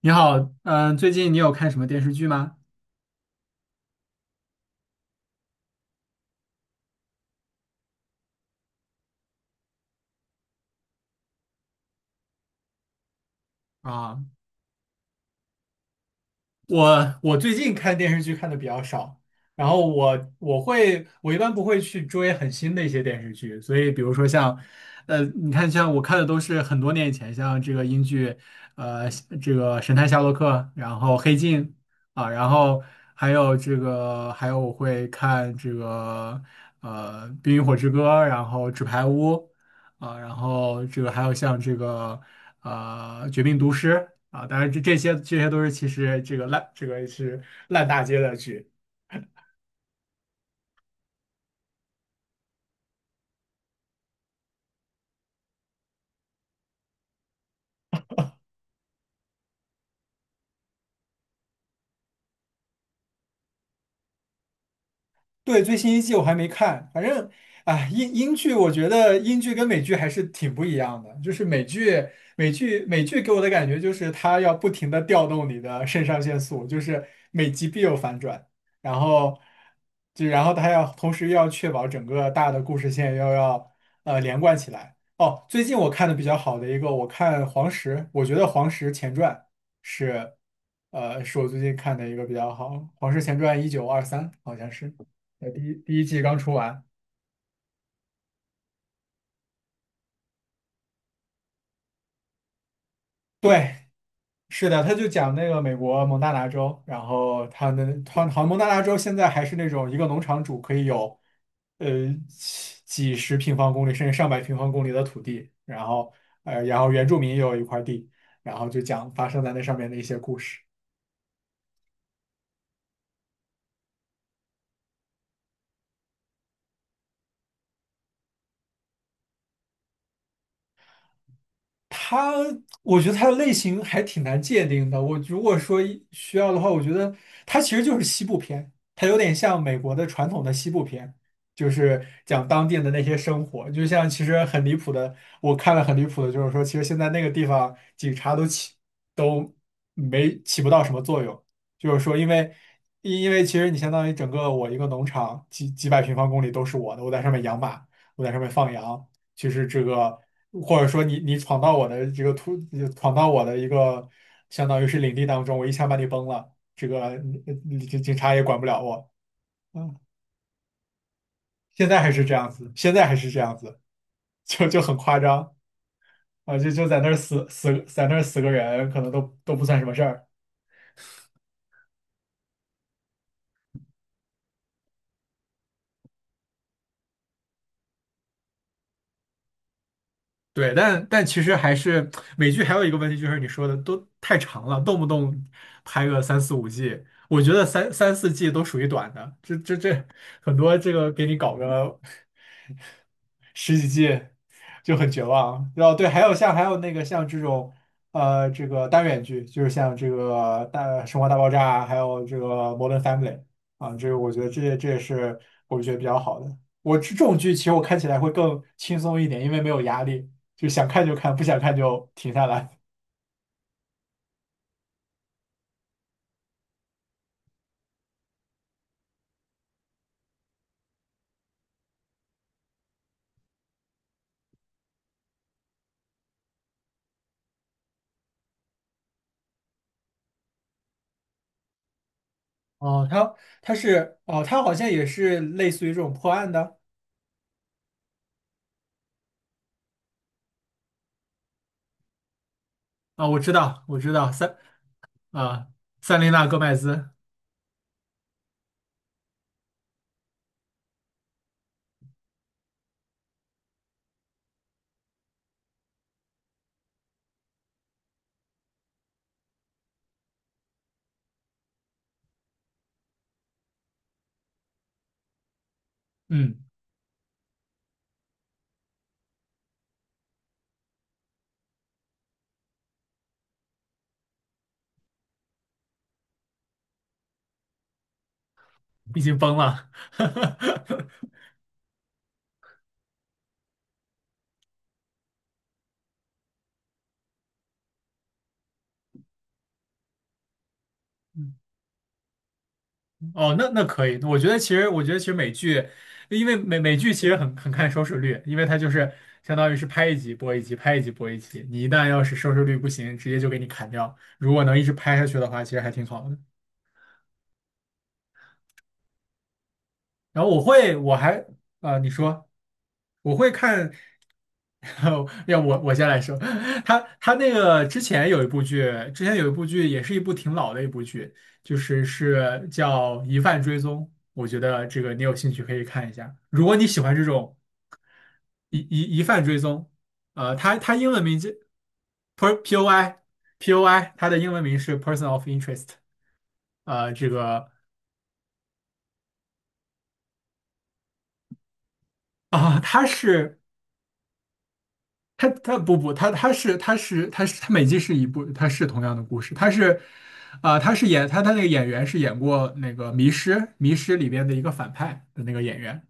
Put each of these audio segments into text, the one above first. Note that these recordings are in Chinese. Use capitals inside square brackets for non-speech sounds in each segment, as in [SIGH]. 你好，最近你有看什么电视剧吗？啊，我最近看电视剧看的比较少，然后我一般不会去追很新的一些电视剧，所以比如说像，你看像我看的都是很多年以前，像这个英剧，呃，这个《神探夏洛克》，然后《黑镜》啊，然后还有这个还有我会看这个《冰与火之歌》，然后《纸牌屋》。啊，然后这个还有像这个啊，《绝命毒师》啊，当然这些都是其实这个烂这个是烂大街的剧。对，最新一季我还没看，反正啊，英剧我觉得英剧跟美剧还是挺不一样的，就是美剧给我的感觉就是它要不停的调动你的肾上腺素，就是每集必有反转，然后然后它要同时要确保整个大的故事线要连贯起来。哦，最近我看的比较好的一个，我看《黄石》，我觉得《黄石前传》是是我最近看的一个比较好，《黄石前传1923》好像是。呃，第一季刚出完。对，是的，他就讲那个美国蒙大拿州，然后他好像蒙大拿州现在还是那种一个农场主可以有，呃，几十平方公里甚至上百平方公里的土地，然后然后原住民也有一块地，然后就讲发生在那上面的一些故事。它，我觉得它的类型还挺难界定的。我如果说一需要的话，我觉得它其实就是西部片，它有点像美国的传统的西部片，就是讲当地的那些生活。就像其实很离谱的，我看了很离谱的，就是说，其实现在那个地方警察都没起不到什么作用，就是说，因为因为其实你相当于整个我一个农场几百平方公里都是我的，我在上面养马，我在上面放羊。就是这个，或者说你闯到我的这个突，闯到我的一个相当于是领地当中，我一下把你崩了，这个你警察也管不了我。嗯，现在还是这样子，现在还是这样子，就很夸张啊，就在那儿在那儿死个人，可能都不算什么事儿。对，但其实还是美剧还有一个问题，就是你说的都太长了，动不动拍个三四五季，我觉得三四季都属于短的，这这这很多这个给你搞个十几季 就很绝望。然后对，还有那个像这种这个单元剧，就是像这个大《生活大爆炸》啊，还有这个《Modern Family》啊，这个我觉得这也是我觉得比较好的。我这种剧其实我看起来会更轻松一点，因为没有压力，就想看就看，不想看就停下来。[LAUGHS] 哦，它它是哦，它好像也是类似于这种破案的。啊，我知道，我知道，啊，塞琳娜·戈麦兹。嗯。已经崩了。[LAUGHS] 哦，那那可以，我觉得其实美剧，因为美剧其实很看收视率，因为它就是相当于是拍一集播一集，拍一集播一集。你一旦要是收视率不行，直接就给你砍掉。如果能一直拍下去的话，其实还挺好的。然后我还你说我会看。[LAUGHS] 我我先来说。[LAUGHS] 他他那个之前有一部剧，之前有一部剧也是一部挺老的一部剧，就是叫《疑犯追踪》，我觉得这个你有兴趣可以看一下。如果你喜欢这种疑犯追踪，呃，它英文名字 POI， POI，它的英文名是 Person of Interest。呃，这个它是他他不不，他他是他是他是它每季是一部，他是同样的故事，它是演那个演员是演过那个《迷失》《迷失》里边的一个反派的那个演员，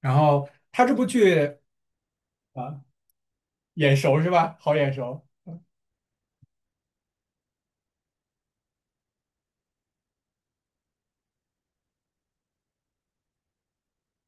然后他这部剧啊、眼熟是吧？好眼熟。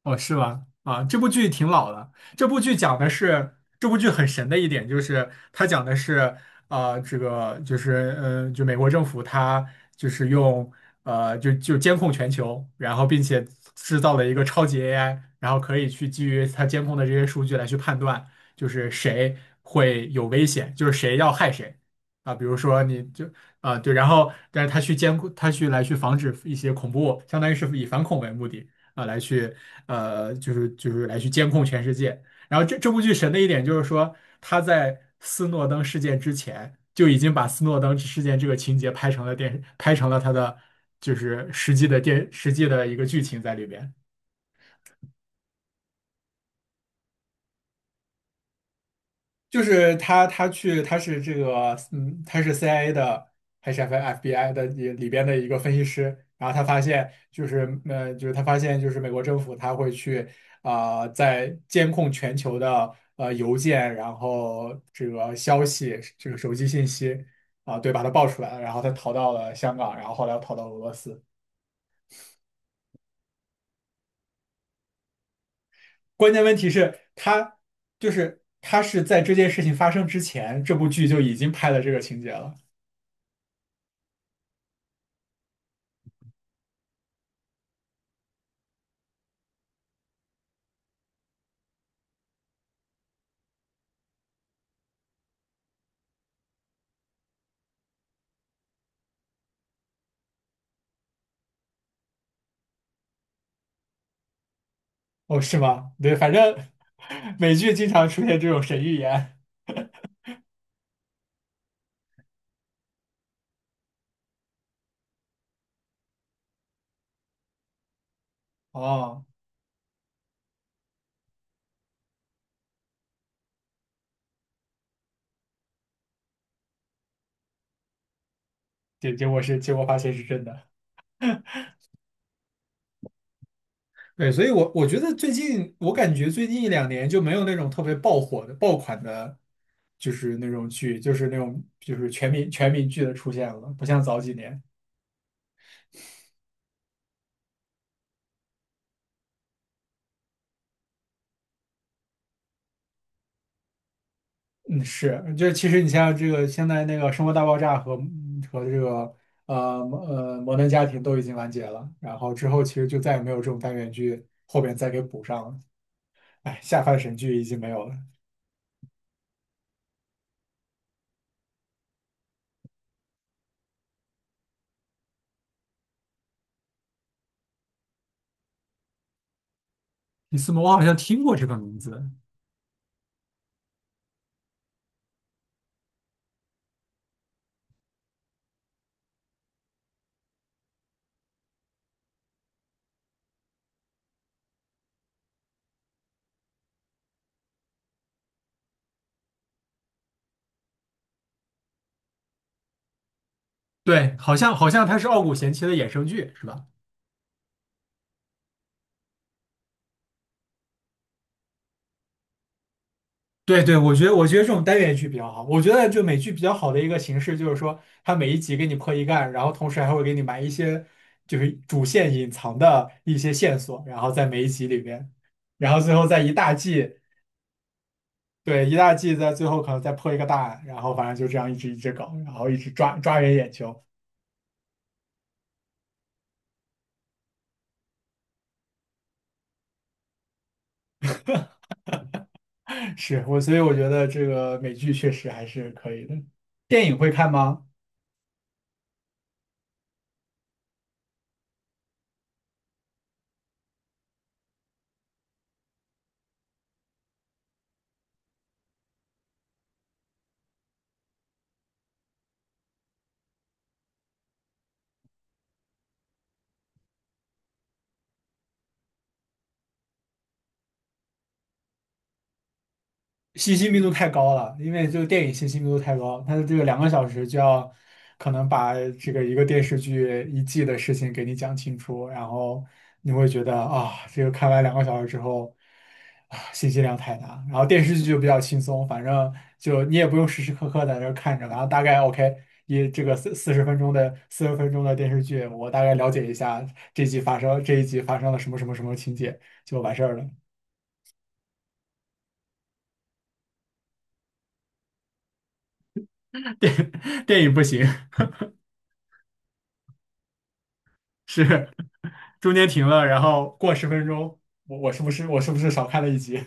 哦，是吗？啊，这部剧挺老的。这部剧讲的是，这部剧很神的一点就是，它讲的是，这个嗯，就美国政府它就是用，呃，就监控全球，然后并且制造了一个超级 AI，然后可以去基于它监控的这些数据来去判断，就是谁会有危险，就是谁要害谁。啊，比如说对，然后但是他去监控，他去来去防止一些恐怖，相当于是以反恐为目的。啊、来去呃，就是来去监控全世界。然后这部剧神的一点就是说，他在斯诺登事件之前就已经把斯诺登事件这个情节拍成了电，拍成了他的就是实际的实际的一个剧情在里边。他去，他是这个，嗯，他是 CIA 的还是 FBI 的里边的一个分析师。然后他发现，就是他发现，就是美国政府他会去在监控全球的邮件，然后这个消息，这个手机信息对，把它爆出来了。然后他逃到了香港，然后后来又逃到俄罗斯。关键问题是，就是他是在这件事情发生之前，这部剧就已经拍了这个情节了。哦，是吗？对，反正 [LAUGHS] 美剧经常出现这种神预言。哦，对，结果发现是真的。对，所以我觉得最近我感觉最近一两年就没有那种特别爆火的爆款的，就是那种剧，就是那种就是全民剧的出现了，不像早几年。嗯，是，就是其实你像这个现在那个《生活大爆炸》和这个摩登家庭都已经完结了，然后之后其实就再也没有这种单元剧后边再给补上了。哎，下饭神剧已经没有了。你斯摩，我好像听过这个名字。对，好像它是《傲骨贤妻》的衍生剧，是吧？对对，我觉得这种单元剧比较好。我觉得就美剧比较好的一个形式就是说，它每一集给你破一案，然后同时还会给你埋一些就是主线隐藏的一些线索，然后在每一集里边，然后最后在一大季，对，一大季在最后可能再破一个大案，然后反正就这样一直搞，然后一直抓人眼球。所以我觉得这个美剧确实还是可以的。电影会看吗？信息密度太高了，因为这个电影信息密度太高，它的这个两个小时就要可能把这个一个电视剧一季的事情给你讲清楚，然后你会觉得啊，这个看完两个小时之后啊，信息量太大。然后电视剧就比较轻松，反正就你也不用时时刻刻在那儿看着，然后大概 OK。一这个四十分钟的电视剧，我大概了解一下这一集发生了什么什么什么情节就完事儿了。[LAUGHS] 电电影不行，是。中间停了，然后过十分钟，我是不是少看了一集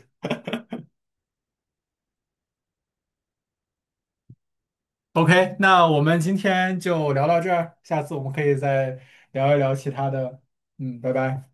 ？OK，那我们今天就聊到这儿，下次我们可以再聊一聊其他的。嗯，拜拜。